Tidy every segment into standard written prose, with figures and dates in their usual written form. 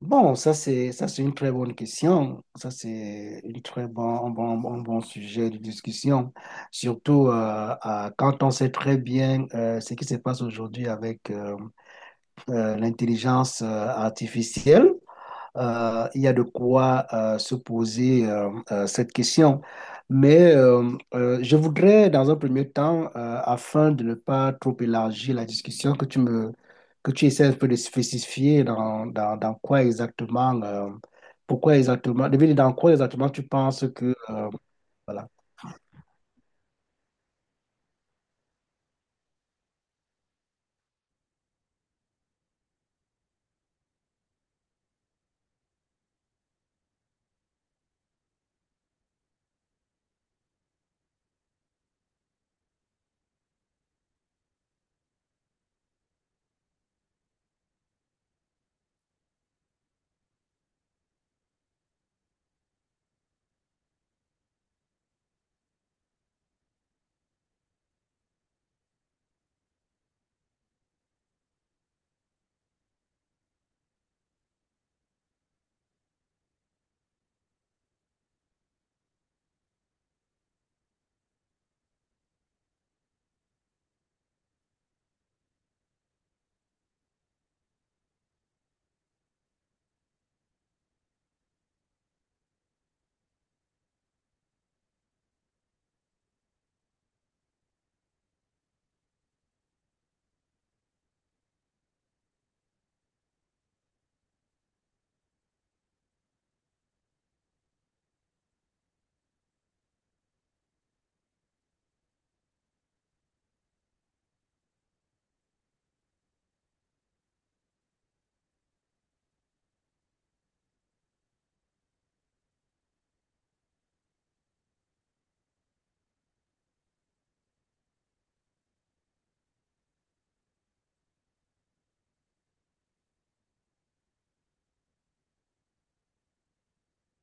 Bon, ça c'est une très bonne question. Ça c'est une très bon un bon un bon sujet de discussion. Surtout quand on sait très bien ce qui se passe aujourd'hui avec l'intelligence artificielle. Il y a de quoi se poser cette question. Mais je voudrais, dans un premier temps, afin de ne pas trop élargir la discussion, que tu essaies un peu de spécifier dans quoi exactement, pourquoi exactement, de dire dans quoi exactement tu penses que, voilà.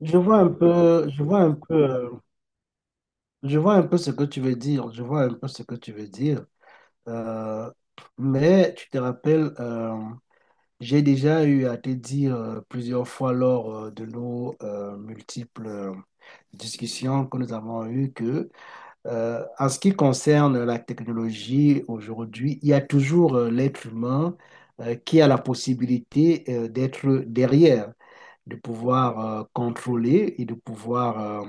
Je vois un peu, je vois un peu, euh, je vois un peu ce que tu veux dire. Je vois un peu ce que tu veux dire. Euh, mais tu te rappelles, j'ai déjà eu à te dire plusieurs fois lors de nos multiples discussions que nous avons eues que, en ce qui concerne la technologie aujourd'hui, il y a toujours l'être humain qui a la possibilité d'être derrière de pouvoir contrôler et de pouvoir,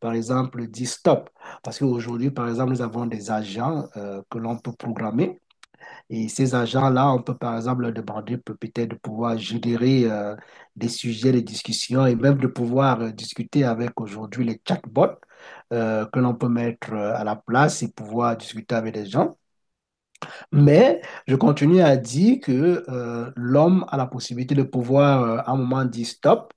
par exemple, dire stop. Parce qu'aujourd'hui, par exemple, nous avons des agents que l'on peut programmer. Et ces agents-là, on peut, par exemple, leur demander peut-être de pouvoir générer des sujets de discussion et même de pouvoir discuter avec aujourd'hui les chatbots que l'on peut mettre à la place et pouvoir discuter avec les gens. Mais je continue à dire que l'homme a la possibilité de pouvoir, à un moment, dire stop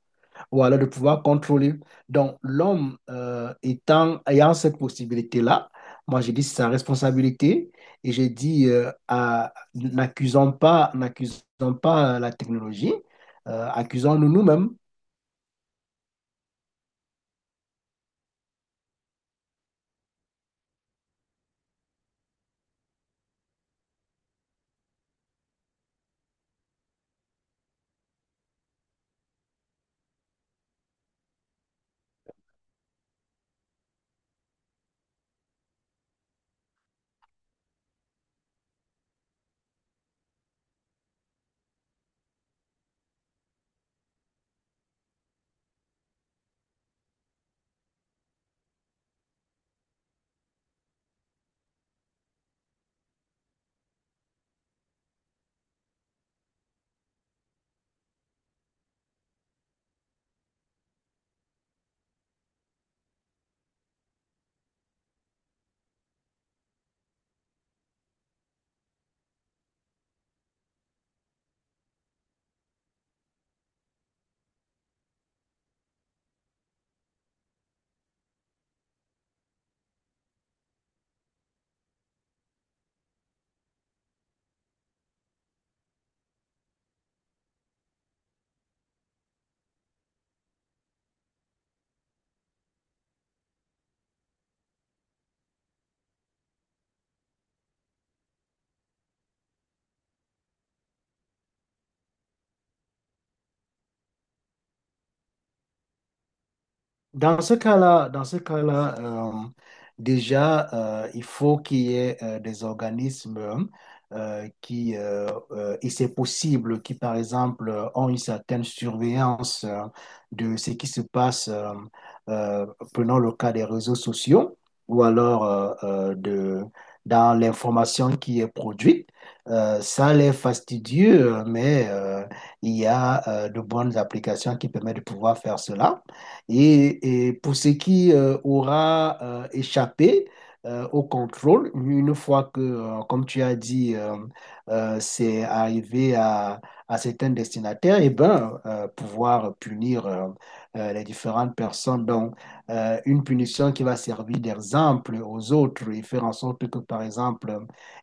ou alors de pouvoir contrôler. Donc, l'homme étant, ayant cette possibilité-là, moi, j'ai dit c'est sa responsabilité et j'ai dit n'accusons pas la technologie, accusons-nous nous-mêmes. Dans ce cas-là, déjà, il faut qu'il y ait des organismes et c'est possible, qui, par exemple, ont une certaine surveillance de ce qui se passe, euh, prenons le cas des réseaux sociaux, ou alors euh, de, dans l'information qui est produite. Ça l'est fastidieux, mais il y a de bonnes applications qui permettent de pouvoir faire cela. Et pour ce qui aura échappé au contrôle, une fois que, comme tu as dit, c'est arrivé à certains destinataires, et ben, pouvoir punir les différentes personnes. Donc, une punition qui va servir d'exemple aux autres et faire en sorte que, par exemple,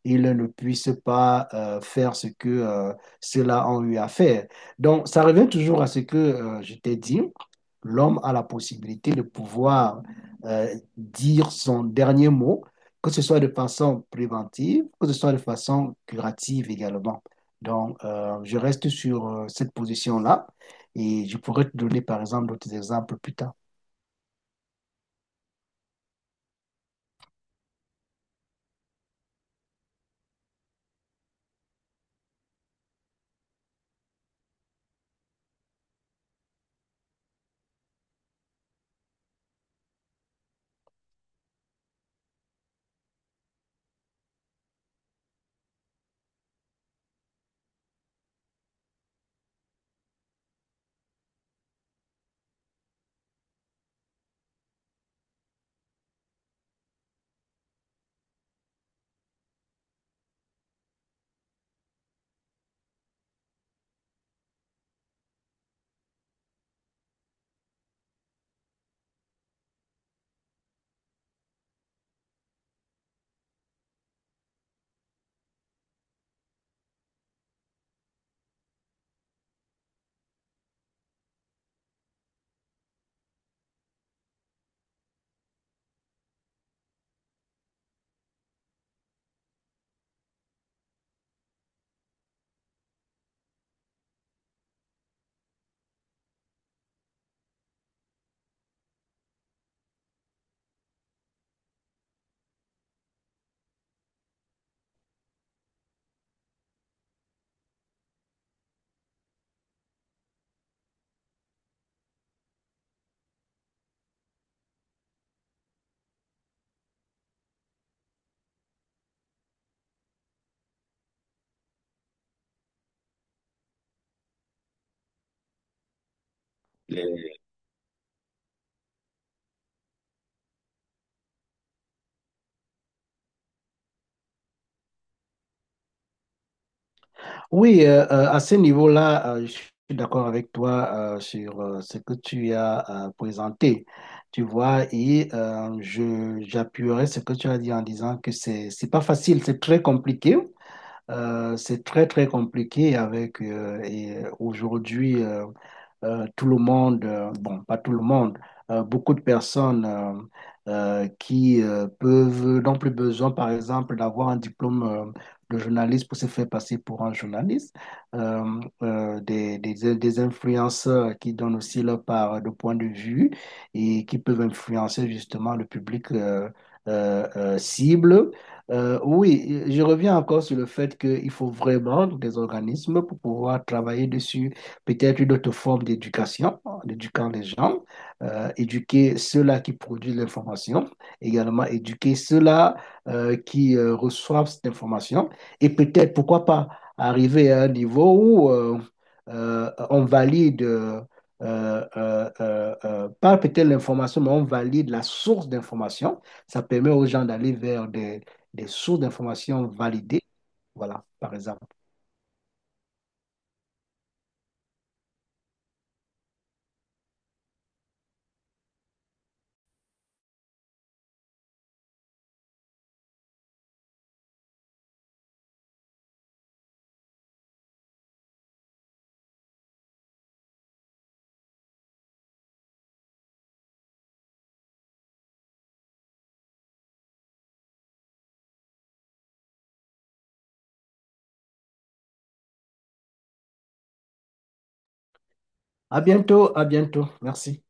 ils ne puissent pas faire ce que ceux-là ont eu à faire. Donc, ça revient toujours à ce que je t'ai dit l'homme a la possibilité de pouvoir dire son dernier mot, que ce soit de façon préventive, que ce soit de façon curative également. Donc, je reste sur cette position-là et je pourrais te donner, par exemple, d'autres exemples plus tard. Oui, à ce niveau-là, je suis d'accord avec toi sur ce que tu as présenté. Tu vois, et je j'appuierai ce que tu as dit en disant que c'est pas facile, c'est très compliqué. C'est très très compliqué avec aujourd'hui. Tout le monde, bon, pas tout le monde, beaucoup de personnes qui peuvent, n'ont plus besoin, par exemple, d'avoir un diplôme de journaliste pour se faire passer pour un journaliste. Des influenceurs qui donnent aussi leur part de point de vue et qui peuvent influencer justement le public cible. Oui, je reviens encore sur le fait qu'il faut vraiment des organismes pour pouvoir travailler dessus peut-être une autre forme d'éducation, en les gens, éduquer ceux-là qui produisent l'information, également éduquer ceux-là qui reçoivent cette information, et peut-être, pourquoi pas, arriver à un niveau où on valide, euh, pas peut-être l'information, mais on valide la source d'information. Ça permet aux gens d'aller vers des sources d'information validées. Voilà, par exemple. À bientôt, à bientôt. Merci.